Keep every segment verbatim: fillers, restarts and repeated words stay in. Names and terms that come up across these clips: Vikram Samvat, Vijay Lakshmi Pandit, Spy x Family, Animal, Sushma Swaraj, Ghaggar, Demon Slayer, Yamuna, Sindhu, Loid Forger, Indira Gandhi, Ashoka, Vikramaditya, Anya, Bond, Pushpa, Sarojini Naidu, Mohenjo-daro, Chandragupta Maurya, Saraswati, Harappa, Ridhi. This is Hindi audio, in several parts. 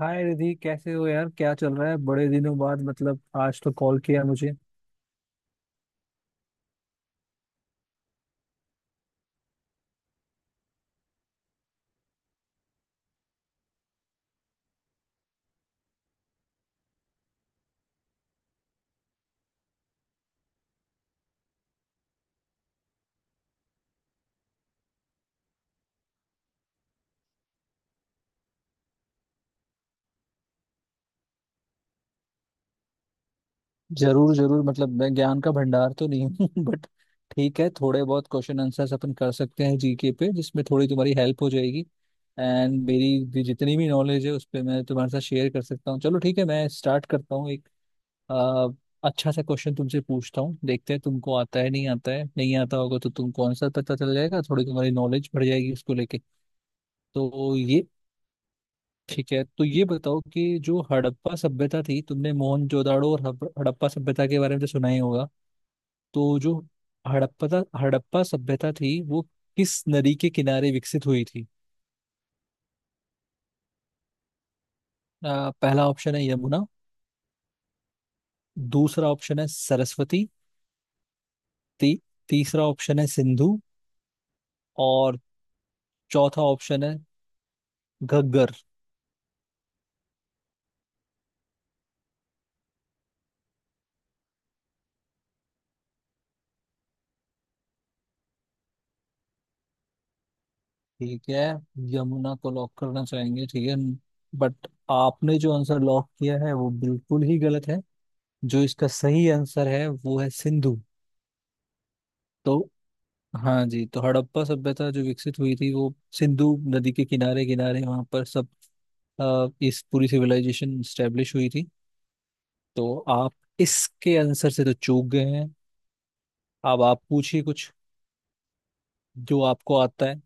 हाय रिधि, कैसे हो यार? क्या चल रहा है? बड़े दिनों बाद मतलब आज तो कॉल किया मुझे। जरूर जरूर, मतलब मैं ज्ञान का भंडार तो नहीं हूँ बट ठीक है, थोड़े बहुत क्वेश्चन आंसर्स अपन कर सकते हैं जीके पे, जिसमें थोड़ी तुम्हारी हेल्प हो जाएगी। एंड मेरी भी जितनी भी नॉलेज है उस पर मैं तुम्हारे साथ शेयर कर सकता हूँ। चलो ठीक है, मैं स्टार्ट करता हूँ एक आ, अच्छा सा क्वेश्चन तुमसे पूछता हूँ। देखते हैं तुमको आता है नहीं आता है, नहीं आता होगा तो तुमको आंसर पता चल जाएगा, थोड़ी तुम्हारी नॉलेज बढ़ जाएगी उसको लेके। तो ये ठीक है, तो ये बताओ कि जो हड़प्पा सभ्यता थी, तुमने मोहनजोदाड़ो और हप- हड़प्पा सभ्यता के बारे में तो सुना ही होगा। तो जो हड़प्पा हड़प्पा सभ्यता थी, वो किस नदी के किनारे विकसित हुई थी? अ, पहला ऑप्शन है यमुना। दूसरा ऑप्शन है सरस्वती। ती, तीसरा ऑप्शन है सिंधु। और चौथा ऑप्शन है घग्गर। ठीक है, यमुना को लॉक करना चाहेंगे, ठीक है। बट आपने जो आंसर लॉक किया है वो बिल्कुल ही गलत है। जो इसका सही आंसर है वो है सिंधु। तो हाँ जी, तो हड़प्पा सभ्यता जो विकसित हुई थी वो सिंधु नदी के किनारे किनारे, वहाँ पर सब अ, इस पूरी सिविलाइजेशन स्टेब्लिश हुई थी। तो आप इसके आंसर से तो चूक गए हैं। अब आप पूछिए कुछ जो आपको आता है।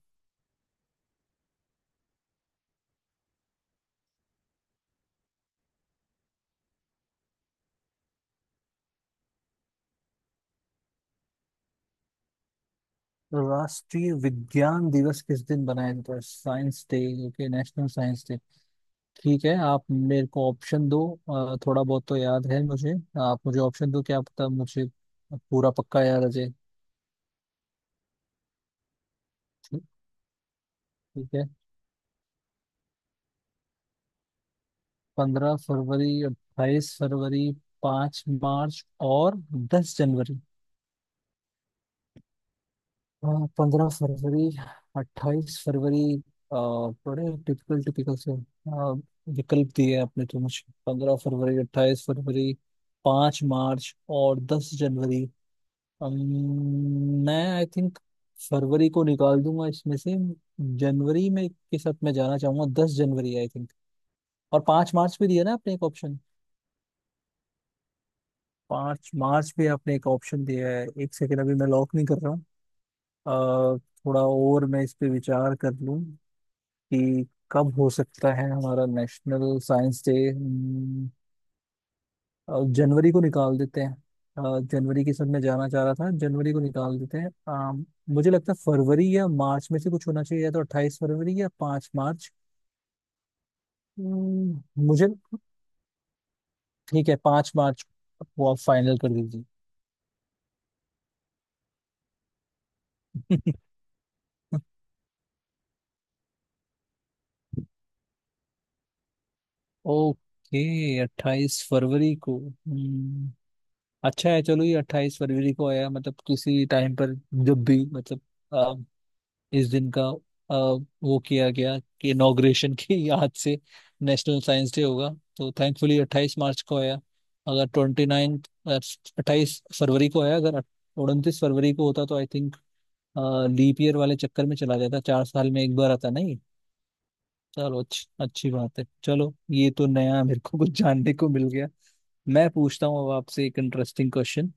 राष्ट्रीय विज्ञान दिवस किस दिन मनाया जाता है? Science day. Okay, national science day. ठीक है, आप मेरे को ऑप्शन दो। अ, थोड़ा बहुत तो याद है मुझे। आप मुझे ऑप्शन दो, क्या पता मुझे पूरा पक्का याद आ जाए। ठीक ठीक है पंद्रह फरवरी, अट्ठाईस फरवरी, पाँच मार्च और दस जनवरी। हाँ, पंद्रह फरवरी, अट्ठाईस फरवरी, अ, बड़े टिपिकल टिपिकल से अ, विकल्प दिए आपने। तो मुझे पंद्रह फरवरी, अट्ठाईस फरवरी, पाँच मार्च और दस जनवरी। अम, मैं आई थिंक फरवरी को निकाल दूंगा इसमें से। जनवरी में के साथ मैं जाना चाहूंगा, दस जनवरी आई थिंक। और पाँच मार्च भी दिया ना आपने एक ऑप्शन। पांच मार्च पे आपने एक ऑप्शन दिया है। एक सेकेंड, अभी मैं लॉक नहीं कर रहा हूँ। अ, थोड़ा और मैं इस पे विचार कर लूँ कि कब हो सकता है हमारा नेशनल साइंस डे। जनवरी को निकाल देते हैं। अ, जनवरी के सब में जाना चाह रहा था, जनवरी को निकाल देते हैं। अ, मुझे लगता है फरवरी या मार्च में से कुछ होना चाहिए, या तो अट्ठाईस फरवरी या पाँच मार्च। हम्म, मुझे ठीक है, पाँच मार्च को आप फाइनल कर दीजिए। ओके, अट्ठाईस फरवरी को। हम्म, अच्छा है, चलो ये अट्ठाईस फरवरी को आया, मतलब किसी टाइम पर जब भी, मतलब अ, इस दिन का, अ, वो किया गया कि इनॉग्रेशन की याद से नेशनल साइंस डे होगा। तो थैंकफुली अट्ठाईस मार्च को आया, अगर ट्वेंटी नाइन्थ। अट्ठाईस फरवरी को आया, अगर उनतीस फरवरी को होता तो आई थिंक लीप ईयर वाले चक्कर में चला जाता, चार साल में एक बार आता नहीं। चलो, अच्छी अच्छी बात है। चलो ये तो नया मेरे को कुछ जानने को मिल गया। मैं पूछता हूँ अब आपसे एक इंटरेस्टिंग क्वेश्चन।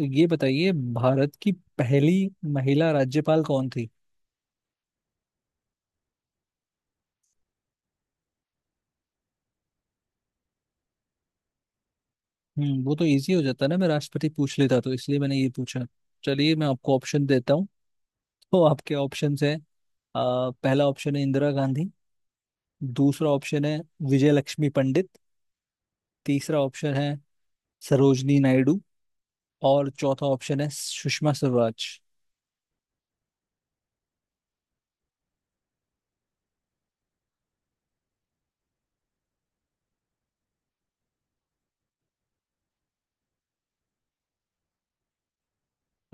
ये बताइए, भारत की पहली महिला राज्यपाल कौन थी? हम्म वो तो इजी हो जाता ना, मैं राष्ट्रपति पूछ लेता तो, इसलिए मैंने ये पूछा। चलिए मैं आपको ऑप्शन देता हूँ। तो आपके ऑप्शंस हैं, अ, पहला ऑप्शन है इंदिरा गांधी। दूसरा ऑप्शन है विजय लक्ष्मी पंडित। तीसरा ऑप्शन है सरोजनी नायडू। और चौथा ऑप्शन है सुषमा स्वराज।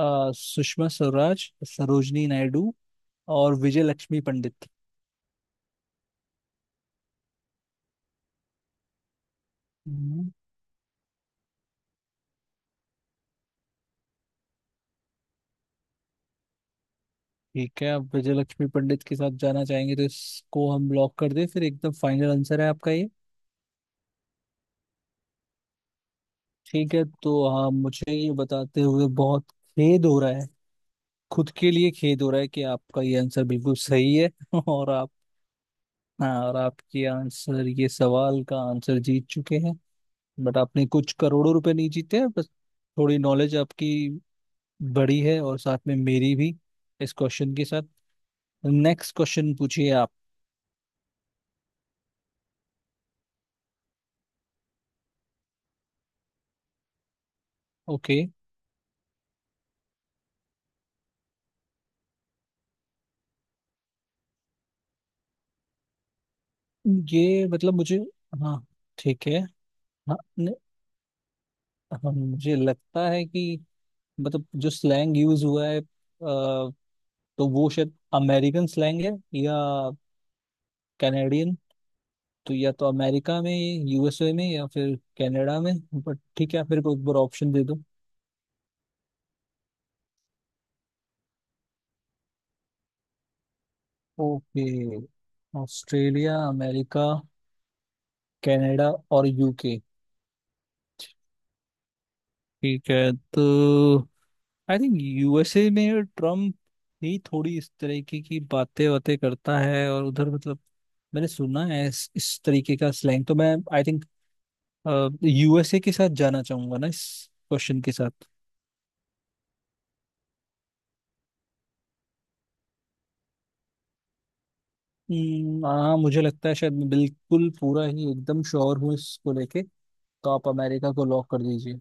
अ, सुषमा स्वराज, सरोजनी नायडू और विजय लक्ष्मी पंडित। हम्म। ठीक है, आप विजय लक्ष्मी पंडित के साथ जाना चाहेंगे तो इसको हम लॉक कर दें, फिर एकदम फाइनल आंसर है आपका ये। ठीक है। तो हाँ, मुझे ये बताते हुए बहुत खेद हो रहा है, खुद के लिए खेद हो रहा है कि आपका ये आंसर बिल्कुल सही है और आप। हाँ, और आपके आंसर, ये सवाल का आंसर जीत चुके हैं। बट आपने कुछ करोड़ों रुपए नहीं जीते हैं, बस थोड़ी नॉलेज आपकी बड़ी है और साथ में मेरी भी, इस क्वेश्चन के साथ। नेक्स्ट क्वेश्चन पूछिए आप। ओके, ये मतलब मुझे। हाँ ठीक है। हाँ, न, हाँ मुझे लगता है कि मतलब जो स्लैंग यूज हुआ है, अ, तो वो शायद अमेरिकन स्लैंग है, या कैनेडियन। तो या तो अमेरिका में, यूएसए में, या फिर कनाडा में। बट ठीक है, आप मेरे को एक बार ऑप्शन दे दो। ओके, ऑस्ट्रेलिया, अमेरिका, कनाडा और यूके। ठीक है, तो आई थिंक यूएसए में ट्रम्प ही थोड़ी इस तरीके की बातें बातें करता है, और उधर मतलब मैंने सुना है इस, इस तरीके का स्लैंग। तो मैं आई थिंक यूएसए के साथ जाना चाहूंगा ना इस क्वेश्चन के साथ। हम्म, हाँ मुझे लगता है शायद मैं बिल्कुल पूरा ही एकदम श्योर हूँ इसको लेके। तो आप अमेरिका को लॉक कर दीजिए।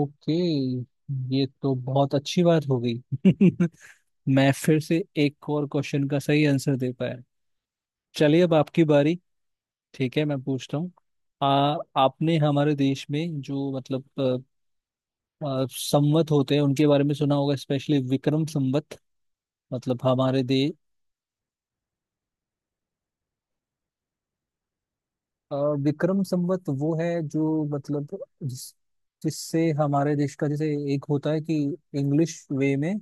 ओके, ये तो बहुत अच्छी बात हो गई। मैं फिर से एक और क्वेश्चन का सही आंसर दे पाया। चलिए अब आपकी बारी। ठीक है मैं पूछता हूँ। आ आपने हमारे देश में जो मतलब अ, अ, संवत होते हैं उनके बारे में सुना होगा, स्पेशली विक्रम संवत, मतलब हमारे देश। विक्रम संवत वो है जो मतलब जिस, जिससे हमारे देश का, जैसे एक होता है कि इंग्लिश वे में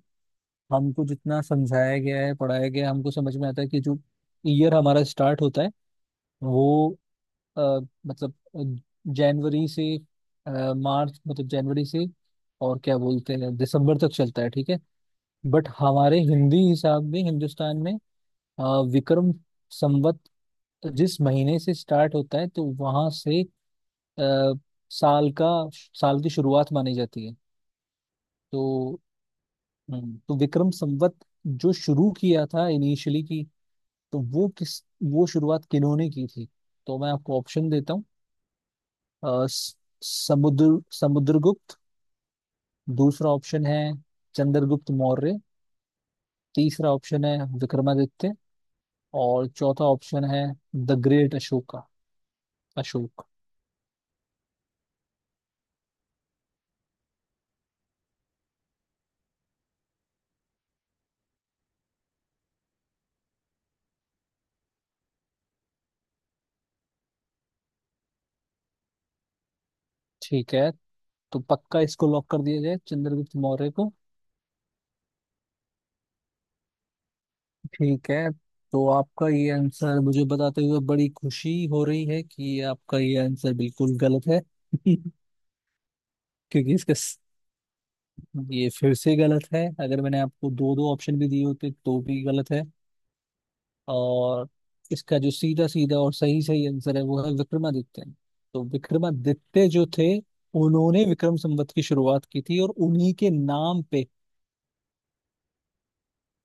हमको जितना समझाया गया है, पढ़ाया गया है, हमको समझ में आता है कि जो ईयर हमारा स्टार्ट होता है, वो अ, मतलब जनवरी से अ, मार्च, मतलब जनवरी से और क्या बोलते हैं दिसंबर तक चलता है, ठीक है। बट हमारे हिंदी हिसाब में, हिंदुस्तान में, अ, विक्रम संवत जिस महीने से स्टार्ट होता है, तो वहां से अ, साल का साल की शुरुआत मानी जाती है। तो हम्म, तो विक्रम संवत जो शुरू किया था इनिशियली की, तो वो किस वो शुरुआत किन्होंने की थी? तो मैं आपको ऑप्शन देता हूँ। अ, स- समुद्र समुद्रगुप्त। दूसरा ऑप्शन है चंद्रगुप्त मौर्य। तीसरा ऑप्शन है विक्रमादित्य। और चौथा ऑप्शन है द ग्रेट अशोका, अशोक। ठीक है, तो पक्का इसको लॉक कर दिया जाए, चंद्रगुप्त मौर्य को। ठीक है, तो आपका ये आंसर मुझे बताते हुए बड़ी खुशी हो रही है कि आपका ये आंसर बिल्कुल गलत है। क्योंकि इसका स- ये फिर से गलत है। अगर मैंने आपको दो दो ऑप्शन भी दिए होते तो भी गलत है। और इसका जो सीधा सीधा और सही सही आंसर है वो है विक्रमादित्य। तो विक्रमादित्य जो थे, उन्होंने विक्रम संवत की शुरुआत की थी, और उन्हीं के नाम पे,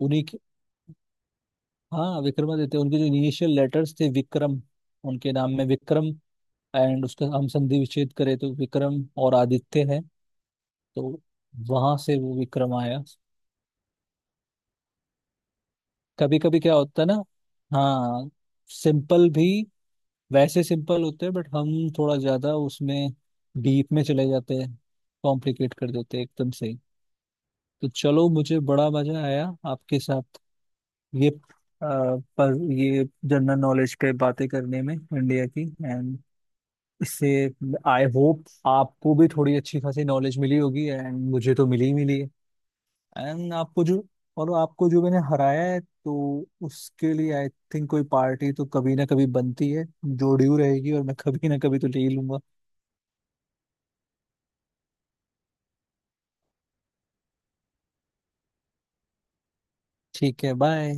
उन्हीं के, हाँ विक्रमादित्य, उनके जो इनिशियल लेटर्स थे, विक्रम। उनके नाम में विक्रम, एंड उसका हम संधि विच्छेद करें तो विक्रम और आदित्य है। तो वहां से वो विक्रम आया। कभी कभी क्या होता है ना, हाँ, सिंपल भी वैसे सिंपल होते हैं, बट हम थोड़ा ज्यादा उसमें डीप में चले जाते हैं, कॉम्प्लिकेट कर देते हैं एकदम से ही। तो चलो मुझे बड़ा मजा आया आपके साथ ये, अ, पर ये जनरल नॉलेज पे बातें करने में, इंडिया की, एंड इससे आई होप आपको भी थोड़ी अच्छी खासी नॉलेज मिली होगी, एंड मुझे तो मिली ही मिली है। एंड आपको जो और आपको जो मैंने हराया है, तो उसके लिए आई थिंक कोई पार्टी तो कभी ना कभी बनती है, जो ड्यू रहेगी, और मैं कभी ना कभी तो ले ही लूंगा। ठीक है, बाय।